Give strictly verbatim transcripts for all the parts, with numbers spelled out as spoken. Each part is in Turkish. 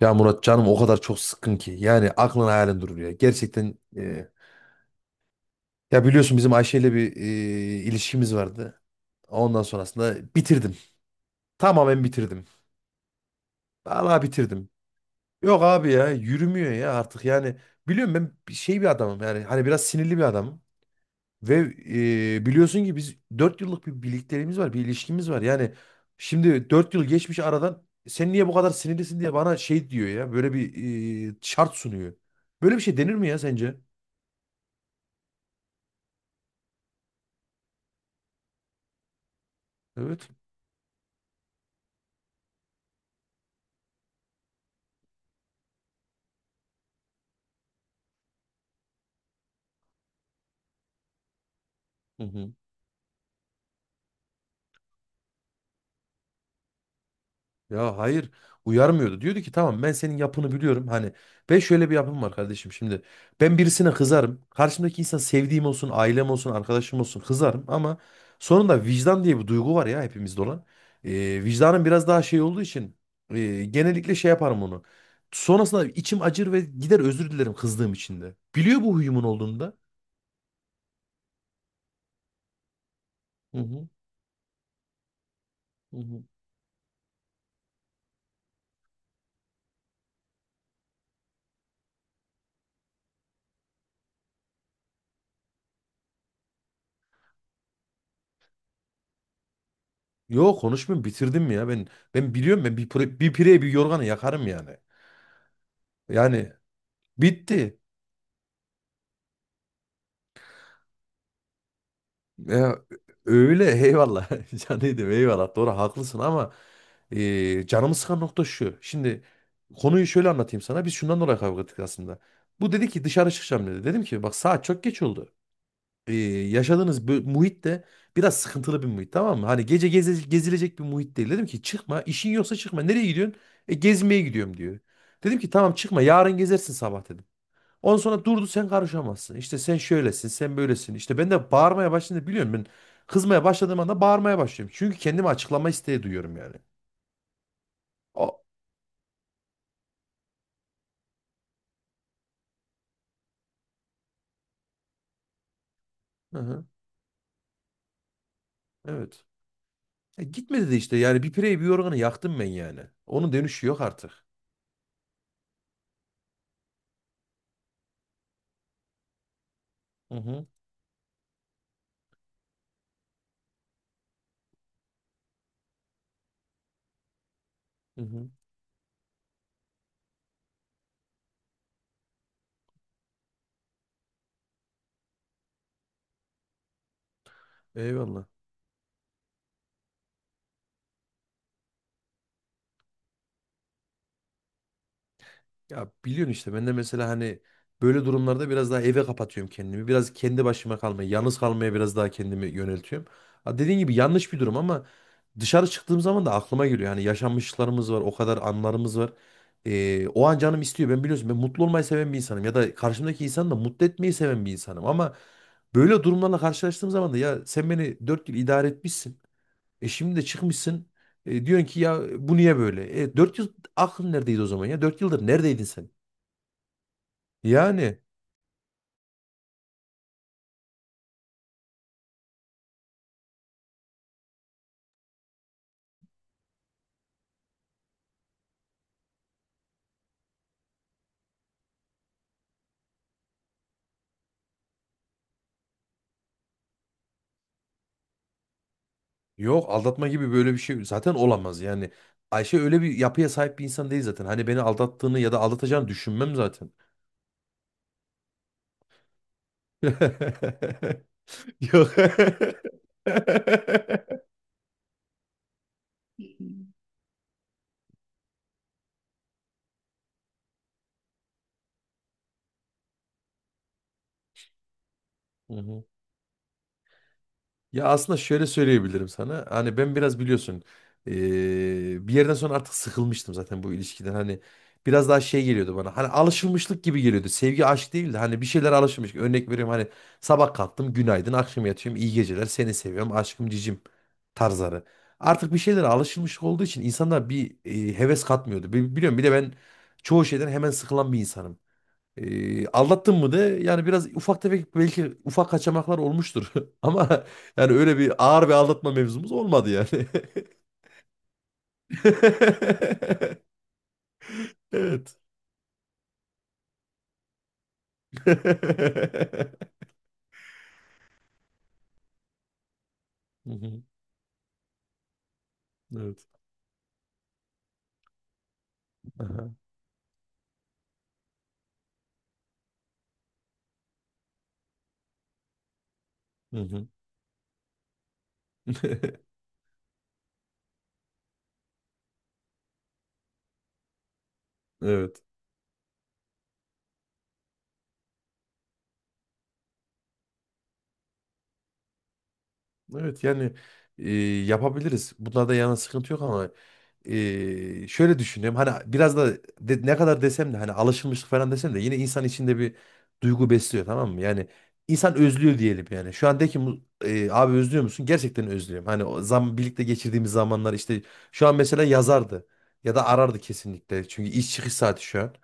Ya Murat canım, o kadar çok sıkkın ki. Yani aklın hayalin durur ya. Gerçekten e, ya biliyorsun bizim Ayşe ile bir e, ilişkimiz vardı. Ondan sonrasında bitirdim. Tamamen bitirdim. Vallahi bitirdim. Yok abi, ya yürümüyor ya artık yani. Biliyorum, ben bir şey bir adamım yani, hani biraz sinirli bir adamım. Ve e, biliyorsun ki biz dört yıllık bir birlikteliğimiz var, bir ilişkimiz var. Yani şimdi dört yıl geçmiş aradan, sen niye bu kadar sinirlisin diye bana şey diyor ya, böyle bir e, şart sunuyor. Böyle bir şey denir mi ya sence? Evet. Hı hı. Ya hayır, uyarmıyordu. Diyordu ki tamam, ben senin yapını biliyorum. Hani ben şöyle bir yapım var kardeşim şimdi. Ben birisine kızarım. Karşımdaki insan sevdiğim olsun, ailem olsun, arkadaşım olsun, kızarım. Ama sonunda vicdan diye bir duygu var ya, hepimizde olan. Ee, vicdanım biraz daha şey olduğu için e, genellikle şey yaparım onu. Sonrasında içim acır ve gider özür dilerim kızdığım için de. Biliyor bu huyumun olduğunu da. Hı hı. Hı hı. Yok, konuşmayayım, bitirdim ya ben. Ben biliyorum, ben bir pire, bir pireye bir yorganı yakarım yani. Yani bitti. Ya, öyle eyvallah. Canıydım eyvallah. Doğru, haklısın ama e, canımı sıkan nokta şu. Şimdi konuyu şöyle anlatayım sana. Biz şundan dolayı kavga ettik aslında. Bu dedi ki dışarı çıkacağım dedi. Dedim ki bak saat çok geç oldu. E, yaşadığınız bö- muhit de biraz sıkıntılı bir muhit, tamam mı? Hani gece geze- gezilecek bir muhit değil. Dedim ki çıkma, işin yoksa çıkma. Nereye gidiyorsun? E, gezmeye gidiyorum diyor. Dedim ki tamam, çıkma, yarın gezersin sabah dedim. Ondan sonra durdu, sen karışamazsın. İşte sen şöylesin, sen böylesin. İşte ben de bağırmaya başlayınca biliyorum ben kızmaya başladığım anda bağırmaya başlıyorum. Çünkü kendimi açıklama isteği duyuyorum yani. O, hı hı, evet. E, gitmedi de işte, yani bir pireyi bir yorganı yaktım ben yani. Onun dönüşü yok artık. Hı hı, hı hı. Eyvallah. Ya biliyorsun işte ben de mesela hani böyle durumlarda biraz daha eve kapatıyorum kendimi. Biraz kendi başıma kalmaya, yalnız kalmaya biraz daha kendimi yöneltiyorum. Ha, dediğin gibi yanlış bir durum ama dışarı çıktığım zaman da aklıma geliyor. Hani yaşanmışlıklarımız var, o kadar anlarımız var. Ee, o an canım istiyor. Ben biliyorsun ben mutlu olmayı seven bir insanım, ya da karşımdaki insanı da mutlu etmeyi seven bir insanım. Ama böyle durumlarla karşılaştığım zaman da, ya sen beni dört yıl idare etmişsin. E şimdi de çıkmışsın. E, diyorsun ki ya bu niye böyle? E, dört yıl aklın neredeydi o zaman ya? dört yıldır neredeydin sen? Yani yok, aldatma gibi böyle bir şey zaten olamaz yani. Ayşe öyle bir yapıya sahip bir insan değil zaten. Hani beni aldattığını ya da aldatacağını düşünmem zaten. Yok. Hı hı. Ya aslında şöyle söyleyebilirim sana. Hani ben biraz biliyorsun eee, bir yerden sonra artık sıkılmıştım zaten bu ilişkiden. Hani biraz daha şey geliyordu bana. Hani alışılmışlık gibi geliyordu. Sevgi aşk değildi. Hani bir şeyler alışılmış. Örnek veriyorum, hani sabah kalktım günaydın, akşam yatıyorum iyi geceler, seni seviyorum aşkım cicim tarzları. Artık bir şeylere alışılmış olduğu için insanlar bir eee, heves katmıyordu. Bi- Biliyorum, bir de ben çoğu şeyden hemen sıkılan bir insanım. Ee, aldattın mı de, yani biraz ufak tefek belki ufak kaçamaklar olmuştur. Ama yani öyle bir ağır bir aldatma mevzumuz olmadı yani. Evet. Hı hı, evet. Aha, hı hı. Evet. Evet yani e, yapabiliriz. Bunlarda yana sıkıntı yok ama e, şöyle düşünüyorum. Hani biraz da de- ne kadar desem de hani alışılmışlık falan desem de, yine insan içinde bir duygu besliyor, tamam mı? Yani insan özlüyor diyelim yani. Şu an de ki mu- e, abi özlüyor musun? Gerçekten özlüyorum. Hani o zam birlikte geçirdiğimiz zamanlar işte, şu an mesela yazardı ya da arardı kesinlikle. Çünkü iş çıkış saati şu an.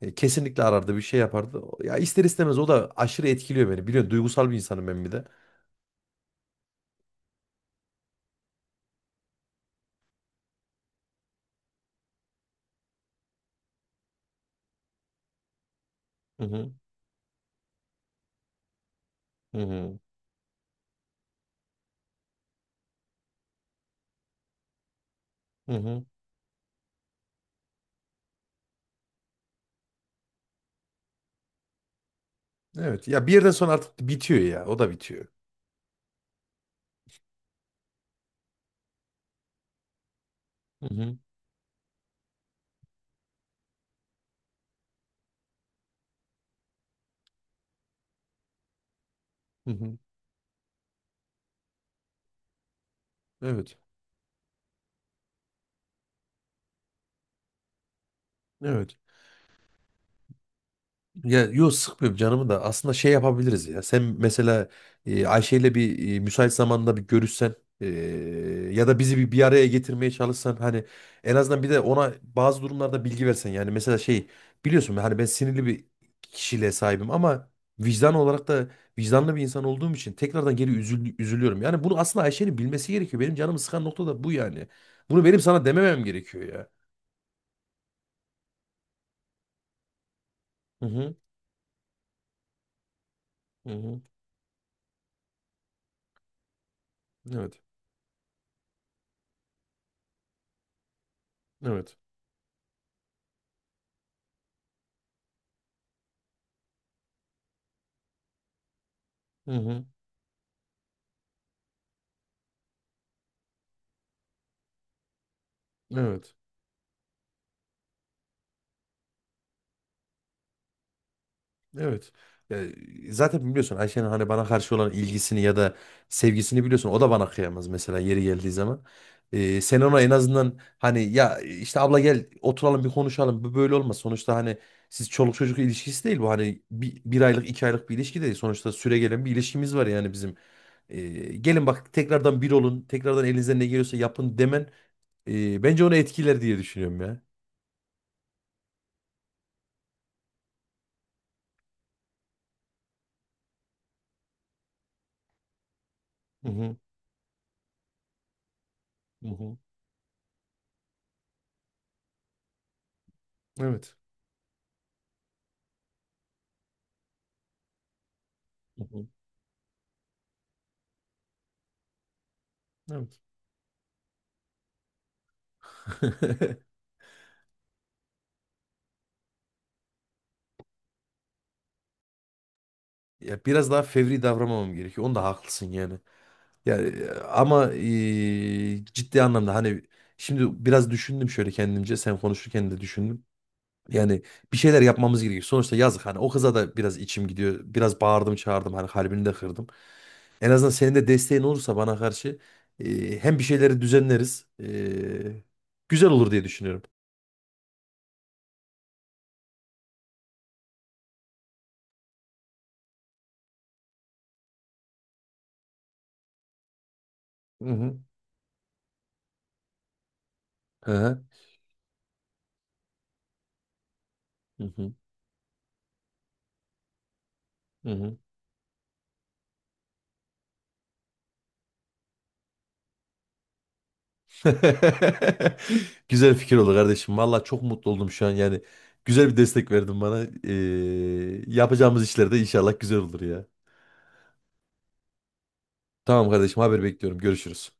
E, kesinlikle arardı, bir şey yapardı. Ya ister istemez o da aşırı etkiliyor beni. Biliyorsun, duygusal bir insanım ben bir de. Hı hı. Hı hı. Hı hı. Evet. Ya bir yerden sonra artık bitiyor ya. O da bitiyor. Hı hı. Hı hı. Evet. Evet. Ya yok, sıkmıyorum canımı, da aslında şey yapabiliriz ya. Sen mesela e, Ayşe'yle bir e, müsait zamanda bir görüşsen e, ya da bizi bir, bir araya getirmeye çalışsan, hani en azından bir de ona bazı durumlarda bilgi versen yani, mesela şey, biliyorsun hani ben sinirli bir kişiliğe sahibim ama vicdan olarak da vicdanlı bir insan olduğum için tekrardan geri üzül- üzülüyorum. Yani bunu aslında Ayşe'nin bilmesi gerekiyor. Benim canımı sıkan nokta da bu yani. Bunu benim sana dememem gerekiyor ya. Hı hı. Hı hı. Evet. Evet. Hı hı. Evet. Evet. Ya, zaten biliyorsun Ayşe'nin hani bana karşı olan ilgisini ya da sevgisini biliyorsun. O da bana kıyamaz mesela yeri geldiği zaman. Ee, sen ona en azından hani ya işte abla gel oturalım bir konuşalım. Bu böyle olmaz. Sonuçta hani siz çoluk çocuk ilişkisi değil bu. Hani bir, bir aylık iki aylık bir ilişki değil. Sonuçta süregelen bir ilişkimiz var yani bizim. Ee, Gelin bak, tekrardan bir olun. Tekrardan elinizden ne geliyorsa yapın demen e, bence onu etkiler diye düşünüyorum ya. Hı hı. Hı hı. Evet. Hı hı. Evet. Ya biraz daha fevri davranmamam gerekiyor. Onda haklısın yani. Yani e, ama e, ciddi anlamda hani şimdi biraz düşündüm şöyle kendimce. Sen konuşurken de düşündüm. Yani bir şeyler yapmamız gerekiyor. Sonuçta yazık, hani o kıza da biraz içim gidiyor. Biraz bağırdım çağırdım, hani kalbini de kırdım. En azından senin de desteğin olursa bana karşı e, hem bir şeyleri düzenleriz. E, güzel olur diye düşünüyorum. Hı hı. Hı hı. Hı hı. Hı hı. Güzel fikir oldu kardeşim. Valla çok mutlu oldum şu an yani. Güzel bir destek verdin bana. Ee, yapacağımız işler de inşallah güzel olur ya. Tamam kardeşim, haber bekliyorum. Görüşürüz.